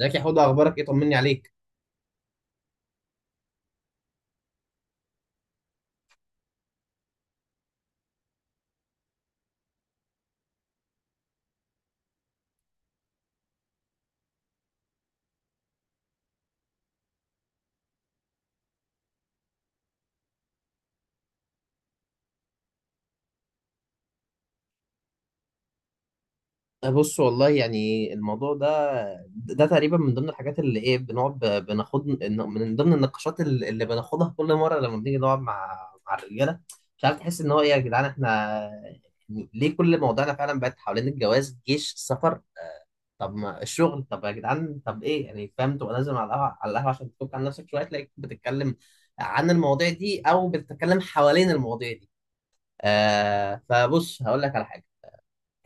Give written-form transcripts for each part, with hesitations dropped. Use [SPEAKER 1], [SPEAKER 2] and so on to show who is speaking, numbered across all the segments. [SPEAKER 1] ازيك يا حوده؟ اخبارك ايه؟ طمني عليك. بص والله يعني الموضوع ده تقريبا من ضمن الحاجات اللي ايه، بنقعد بناخد، من ضمن النقاشات اللي بناخدها كل مره لما بنيجي نقعد مع الرجاله. مش عارف، تحس ان هو ايه يا جدعان، احنا يعني ليه كل موضوعنا فعلا بقت حوالين الجواز جيش السفر؟ طب ما الشغل، طب يا جدعان، طب ايه يعني؟ فاهم، تبقى نازل على القهوه عشان تفك عن نفسك شويه، تلاقيك بتتكلم عن المواضيع دي او بتتكلم حوالين المواضيع دي. فبص، هقول لك على حاجه.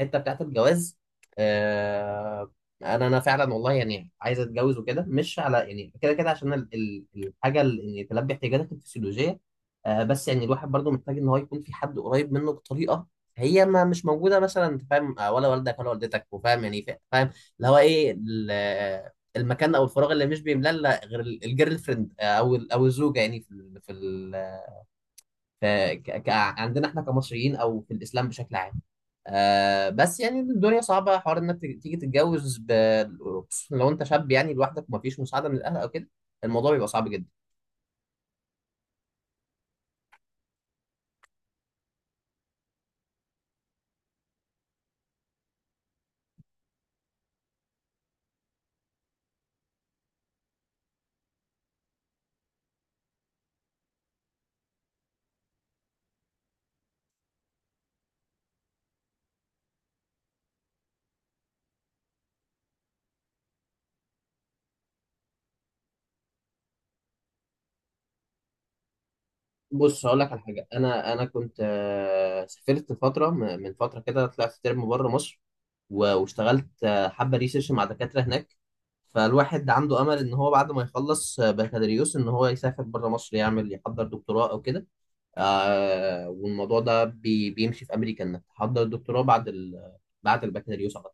[SPEAKER 1] الحته بتاعت الجواز، آه انا فعلا والله يعني عايز اتجوز وكده، مش على يعني كده كده، عشان الحاجه اللي يعني تلبي احتياجاتك الفسيولوجيه. بس يعني الواحد برضو محتاج ان هو يكون في حد قريب منه، بطريقه هي ما مش موجوده مثلا. انت فاهم؟ ولا والدك ولا والدتك، وفاهم يعني فاهم اللي هو ايه المكان او الفراغ اللي مش بيملى إلا غير الجيرل فريند، او الزوجه، يعني في ف- عندنا احنا كمصريين او في الاسلام بشكل عام. بس يعني الدنيا صعبه، حوار انك تيجي تتجوز خصوصاً لو انت شاب يعني لوحدك ومفيش مساعده من الاهل او كده، الموضوع بيبقى صعب جدا. بص هقول لك على حاجه، انا كنت سافرت فتره، من فتره كده طلعت ترم بره مصر واشتغلت حبه ريسيرش مع دكاتره هناك. فالواحد عنده امل ان هو بعد ما يخلص بكالوريوس، ان هو يسافر بره مصر، يعمل يحضر دكتوراه او كده. والموضوع ده بيمشي في امريكا، انك تحضر الدكتوراه بعد البكالوريوس على طول.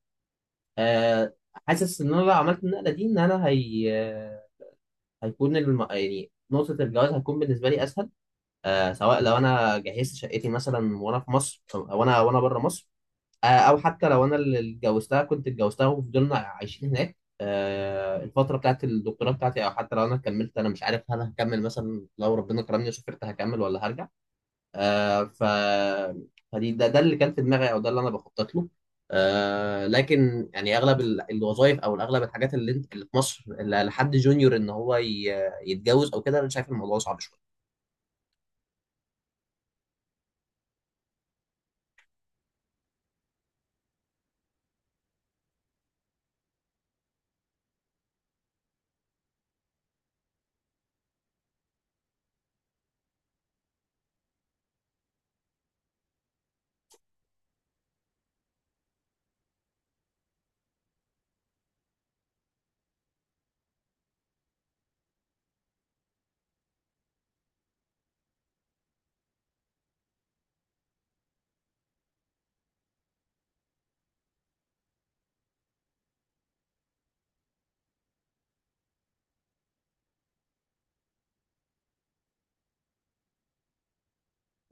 [SPEAKER 1] آه حاسس ان انا لو عملت النقله دي، ان انا هيكون يعني نقطه الجواز هتكون بالنسبه لي اسهل. سواء لو انا جهزت شقتي مثلا وانا في مصر، او انا وانا بره مصر، او حتى لو انا اللي اتجوزتها كنت اتجوزتها، وفضلنا عايشين هناك الفتره بتاعت الدكتوراه بتاعتي، او حتى لو انا كملت. انا مش عارف، هل هكمل مثلا لو ربنا كرمني وسافرت، هكمل ولا هرجع؟ آه ف فدي ده اللي كان في دماغي، او ده اللي انا بخطط له. لكن يعني اغلب الوظائف او اغلب الحاجات اللي انت اللي في مصر اللي لحد جونيور، ان هو يتجوز او كده، انا شايف الموضوع صعب شويه.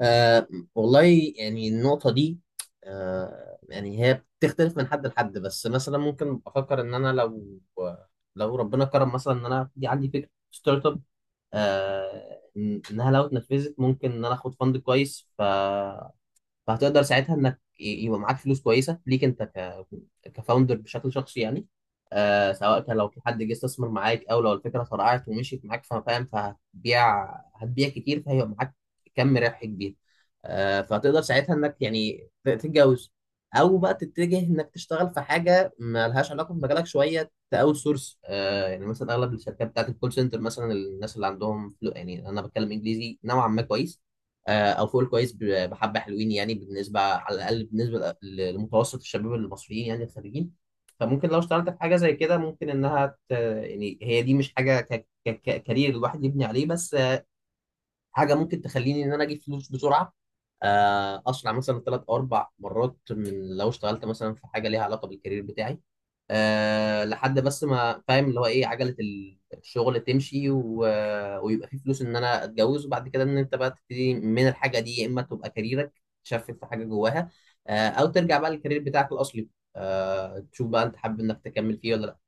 [SPEAKER 1] آه والله، يعني النقطه دي، يعني هي بتختلف من حد لحد. بس مثلا ممكن افكر ان انا لو ربنا كرم، مثلا ان انا دي عندي فكره ستارت اب، انها لو اتنفذت ممكن ان انا اخد فند كويس. فهتقدر ساعتها انك يبقى معاك فلوس كويسه ليك انت كفاوندر بشكل شخصي يعني. سواء كان لو في حد جه استثمر معاك، او لو الفكره فرقعت ومشيت معاك فاهم، فهتبيع كتير، فهيبقى معاك كم ربح كبير. فهتقدر ساعتها انك يعني تتجوز، او بقى تتجه انك تشتغل في حاجه ما لهاش علاقه بمجالك شويه، تاوت سورس. يعني مثلا اغلب الشركات بتاعت الكول سنتر مثلا، الناس اللي عندهم يعني انا بتكلم انجليزي نوعا ما كويس او فوق الكويس، بحبه حلوين يعني بالنسبه، على الاقل بالنسبه لمتوسط الشباب المصريين يعني الخريجين. فممكن لو اشتغلت في حاجه زي كده ممكن انها يعني هي دي مش حاجه كارير الواحد يبني عليه. بس حاجه ممكن تخليني ان انا اجيب فلوس بسرعه، اسرع مثلا ثلاث او اربع مرات من لو اشتغلت مثلا في حاجه ليها علاقه بالكارير بتاعي. لحد بس ما فاهم اللي هو ايه، عجله الشغل تمشي ويبقى في فلوس ان انا اتجوز، وبعد كده ان انت بقى تبتدي من الحاجه دي. يا اما تبقى كاريرك تشفت في حاجه جواها، او ترجع بقى للكارير بتاعك الاصلي، تشوف بقى انت حابب انك تكمل فيه ولا.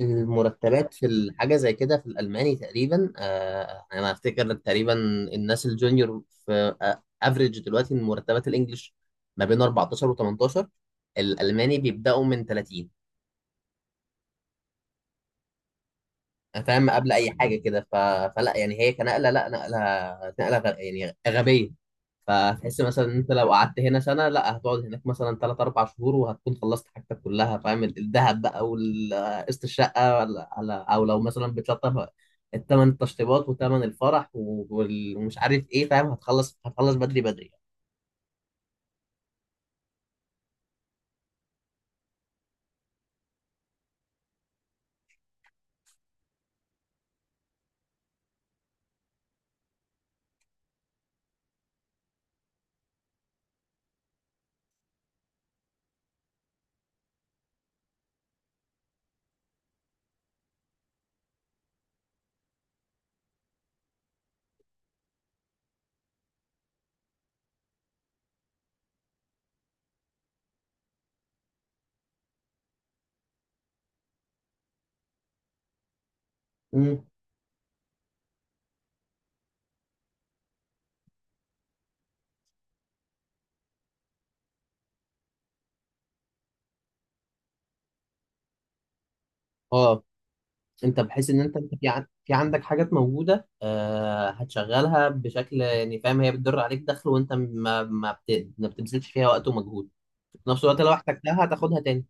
[SPEAKER 1] المرتبات في الحاجة زي كده في الألماني تقريبا، أنا أفتكر تقريبا الناس الجونيور في أفريج دلوقتي من مرتبات الإنجليش ما بين 14 و 18، الألماني بيبدأوا من 30. فاهم قبل أي حاجة كده؟ فلا يعني هي كنقلة، لا نقلة، نقلة يعني غبية. فتحس مثلا ان انت لو قعدت هنا سنه، لا، هتقعد هناك مثلا 3 4 شهور، وهتكون خلصت حاجتك كلها. فاهم؟ الذهب بقى وقسط الشقه، ولا على، او لو مثلا بتلطف الثمن، التشطيبات وثمن الفرح ومش عارف ايه، فاهم؟ هتخلص بدري بدري. امم اه انت، بحيث ان انت في عندك حاجات موجوده، هتشغلها بشكل يعني فاهم، هي بتدر عليك دخل، وانت ما بتبذلش فيها وقت ومجهود. في نفس الوقت لو احتجتها هتاخدها تاني.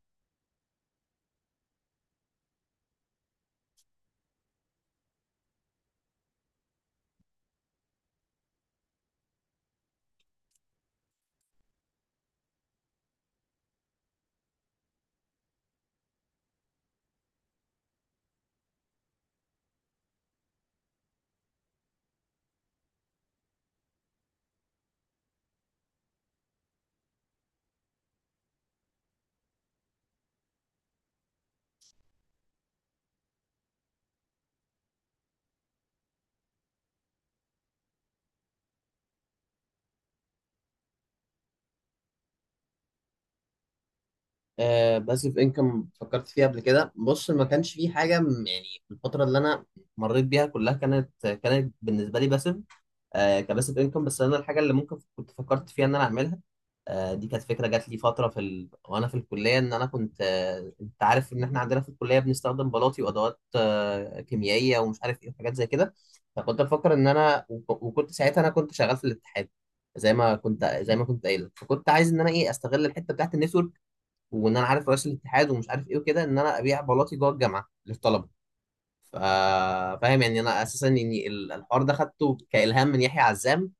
[SPEAKER 1] باسيف انكم فكرت فيها قبل كده؟ بص، ما كانش في حاجه يعني الفتره اللي انا مريت بيها كلها كانت بالنسبه لي باسيف، كباسيف انكم. بس انا الحاجه اللي ممكن كنت فكرت فيها ان انا اعملها، دي كانت فكره جات لي فتره في وانا في الكليه. ان انا كنت انت عارف ان احنا عندنا في الكليه بنستخدم بلاطي وادوات كيميائيه ومش عارف ايه، وحاجات زي كده. فكنت بفكر ان انا وكنت ساعتها، انا كنت شغال في الاتحاد، زي ما كنت قايل، فكنت عايز ان انا ايه، استغل الحته بتاعت النتورك، وان انا عارف رئيس الاتحاد ومش عارف ايه وكده، ان انا ابيع بلاطي جوه الجامعه للطلبه. ف- فاهم؟ يعني انا اساسا يعني الحوار ده خدته كالهام من يحيى عزام،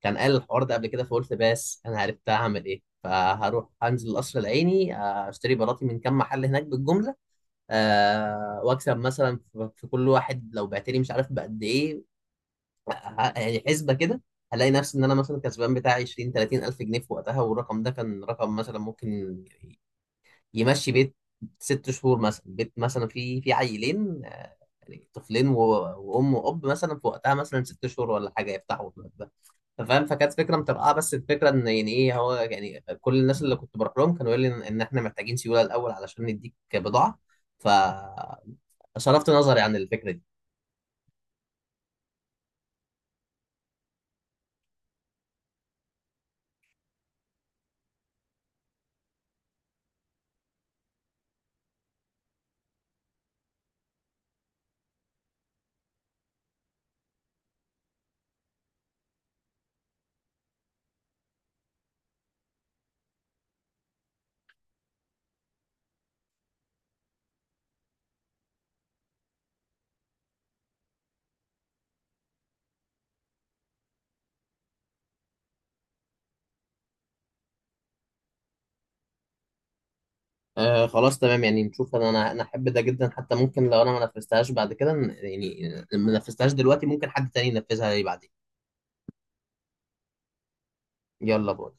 [SPEAKER 1] كان قال الحوار ده قبل كده. فقلت بس انا عرفت هعمل ايه، فهروح انزل القصر العيني اشتري بلاطي من كام محل هناك بالجمله، واكسب مثلا في كل واحد لو بعت لي مش عارف بقد ايه. يعني حسبه كده، هلاقي نفسي ان انا مثلا كسبان بتاع 20 30 الف جنيه في وقتها، والرقم ده كان رقم مثلا ممكن يمشي بيت ست شهور، مثلا بيت مثلا فيه في عيلين، يعني طفلين وام واب مثلا، في وقتها مثلا ست شهور ولا حاجه يفتحوا الباب ده. فاهم؟ فكانت فكره مترقعه. بس الفكره ان، يعني ايه، هو يعني كل الناس اللي كنت بروح لهم كانوا يقولوا لي ان إن احنا محتاجين سيوله الاول علشان نديك بضاعه. ف صرفت نظري عن الفكره دي. خلاص تمام، يعني نشوف. انا انا أنا احب ده جدا حتى، ممكن لو انا ما نفذتهاش بعد كده يعني، ما نفذتهاش دلوقتي، ممكن حد تاني ينفذها لي بعدين. يلا باي.